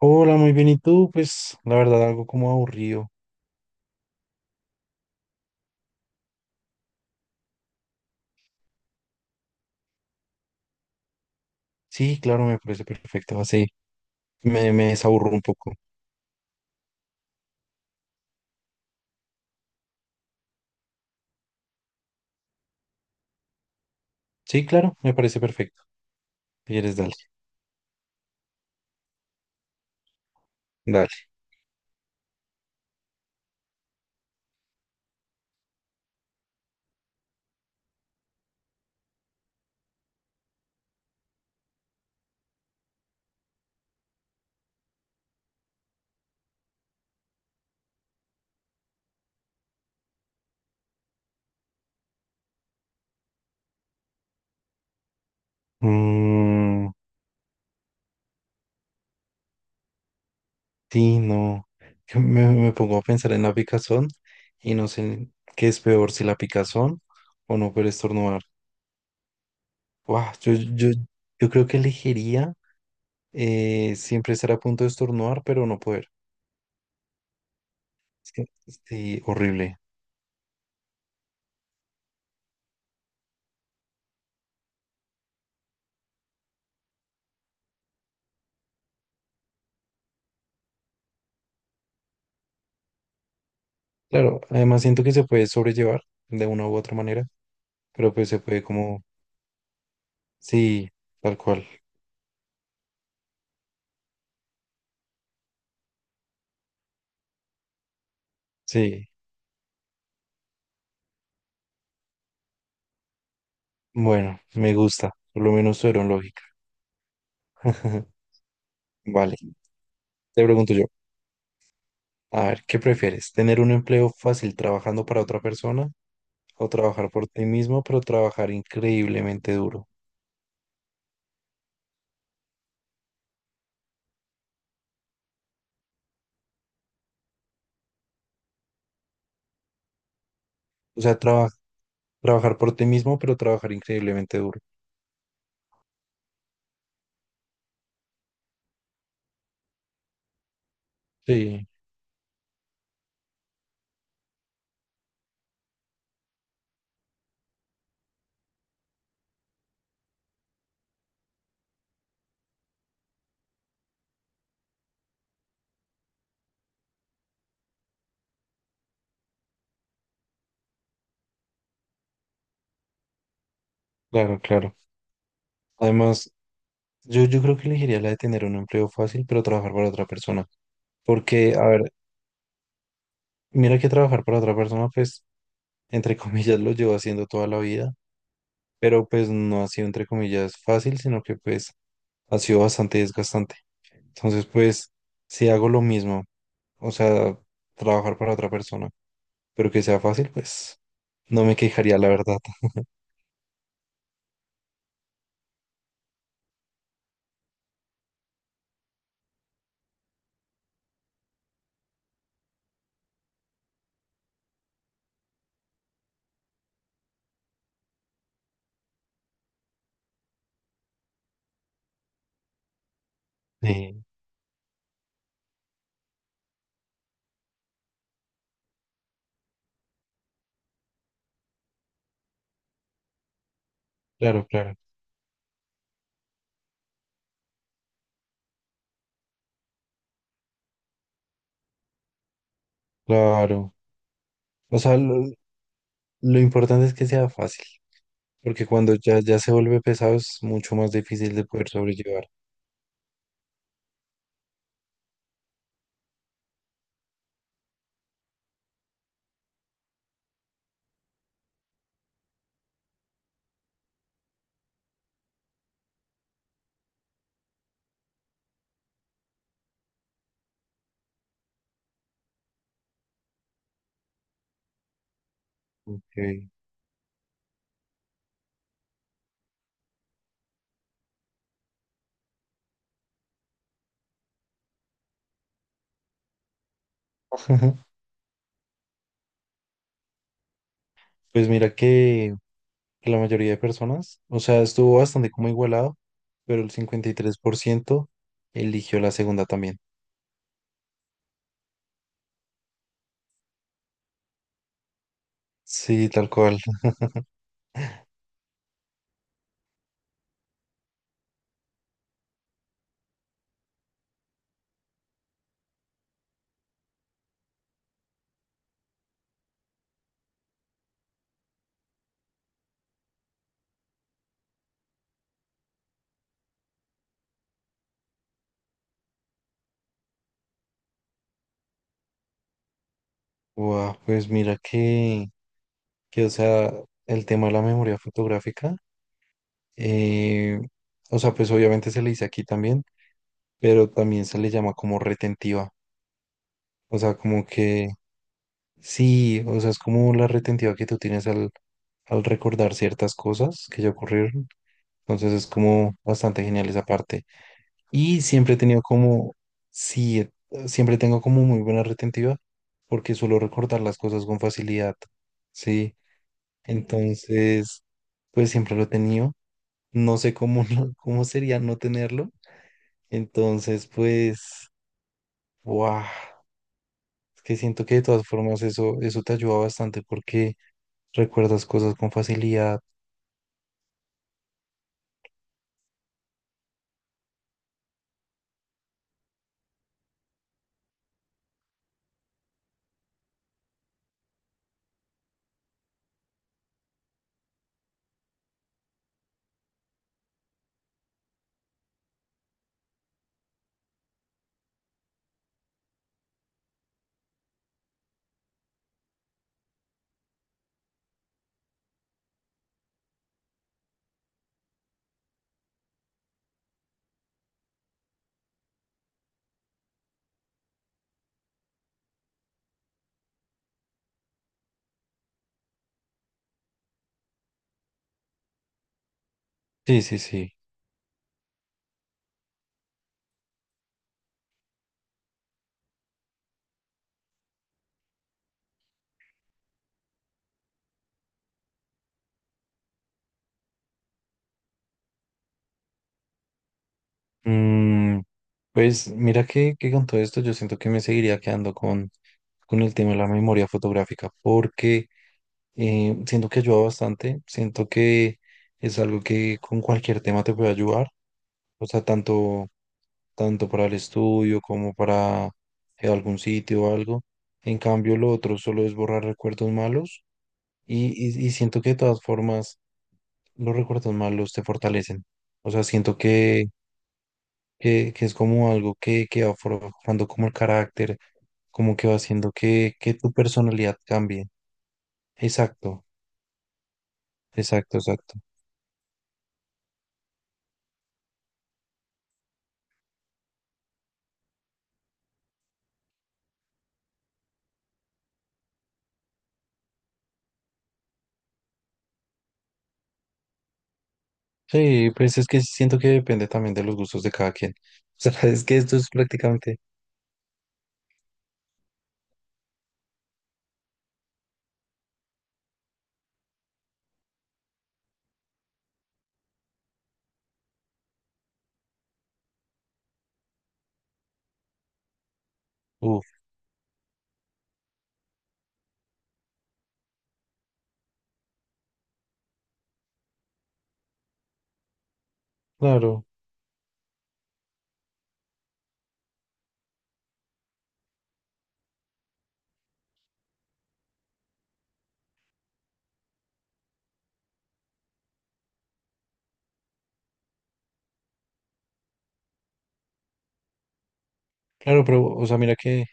Hola, muy bien. ¿Y tú? Pues la verdad, algo como aburrido. Sí, claro, me parece perfecto. Así me desaburro un poco. Sí, claro, me parece perfecto. Si quieres, dale, dale. Mm, sí, no. Me pongo a pensar en la picazón y no sé qué es peor, si la picazón o no poder estornudar. Guau, yo creo que elegiría siempre estar a punto de estornudar, pero no poder. Es que, sí, horrible. Claro, además siento que se puede sobrellevar de una u otra manera. Pero pues se puede como, sí, tal cual, sí, bueno, me gusta, por lo menos tuvieron lógica. Vale, te pregunto yo, a ver, ¿qué prefieres? ¿Tener un empleo fácil trabajando para otra persona o trabajar por ti mismo, pero trabajar increíblemente duro? O sea, trabajar por ti mismo, pero trabajar increíblemente duro. Sí, claro, claro. Además, yo creo que elegiría la de tener un empleo fácil, pero trabajar para otra persona. Porque, a ver, mira que trabajar para otra persona, pues entre comillas, lo llevo haciendo toda la vida, pero pues no ha sido, entre comillas, fácil, sino que pues ha sido bastante desgastante. Entonces, pues, si hago lo mismo, o sea, trabajar para otra persona, pero que sea fácil, pues no me quejaría, la verdad. Eh, claro, claro, claro. O sea, lo importante es que sea fácil, porque cuando ya se vuelve pesado es mucho más difícil de poder sobrellevar. Eh, Pues mira que la mayoría de personas, o sea, estuvo bastante como igualado, pero el 53% eligió la segunda también. Sí, tal cual. Guau, pues mira que, o sea, el tema de la memoria fotográfica, eh, o sea, pues obviamente se le dice aquí también, pero también se le llama como retentiva. O sea, como que sí, o sea, es como la retentiva que tú tienes al recordar ciertas cosas que ya ocurrieron. Entonces es como bastante genial esa parte. Y siempre he tenido como, sí, siempre tengo como muy buena retentiva porque suelo recordar las cosas con facilidad, ¿sí? Entonces, pues siempre lo he tenido. No sé cómo, cómo sería no tenerlo. Entonces, pues, wow, es que siento que de todas formas eso, eso te ayuda bastante porque recuerdas cosas con facilidad. Sí, sí, sí. Mm, pues mira que con todo esto yo siento que me seguiría quedando con el tema de la memoria fotográfica porque siento que ayuda bastante, siento que es algo que con cualquier tema te puede ayudar, o sea, tanto para el estudio como para algún sitio o algo. En cambio, lo otro solo es borrar recuerdos malos y, y siento que de todas formas los recuerdos malos te fortalecen. O sea, siento que... que es como algo que va forjando como el carácter, como que va haciendo que tu personalidad cambie. Exacto, exacto. Sí, pues es que siento que depende también de los gustos de cada quien. O sea, es que esto es prácticamente, uf, claro, claro, pero, o sea, mira que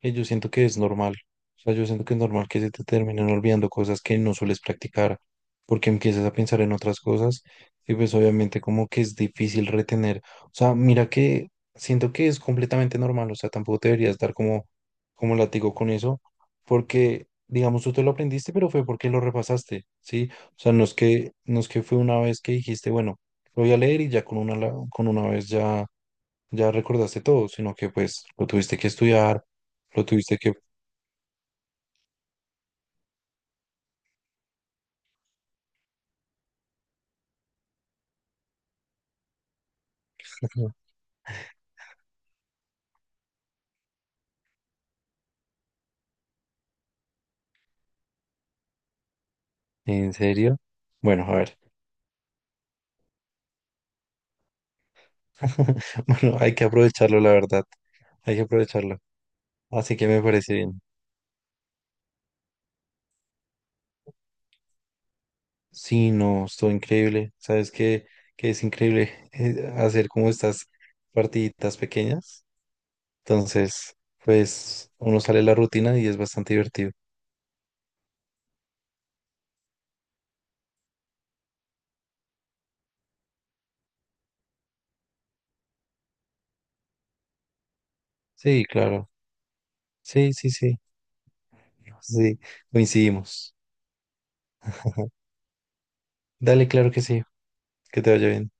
yo siento que es normal. O sea, yo siento que es normal que se te terminen olvidando cosas que no sueles practicar, porque empiezas a pensar en otras cosas y pues obviamente como que es difícil retener. O sea, mira que siento que es completamente normal, o sea, tampoco te deberías dar como, como látigo con eso, porque digamos tú te lo aprendiste, pero fue porque lo repasaste, ¿sí? O sea, no es que fue una vez que dijiste, bueno, lo voy a leer y ya con una, con una vez ya ya recordaste todo, sino que pues lo tuviste que estudiar, lo tuviste que... Ujú. ¿En serio? Bueno, a ver. Bueno, hay que aprovecharlo, la verdad. Hay que aprovecharlo. Así que me parece bien. Sí, no, estuvo increíble. ¿Sabes qué? Que es increíble hacer como estas partiditas pequeñas. Entonces, pues uno sale de la rutina y es bastante divertido. Sí, claro. Sí, sí, sí. Sí, coincidimos. Dale, claro que sí. Que te vaya bien.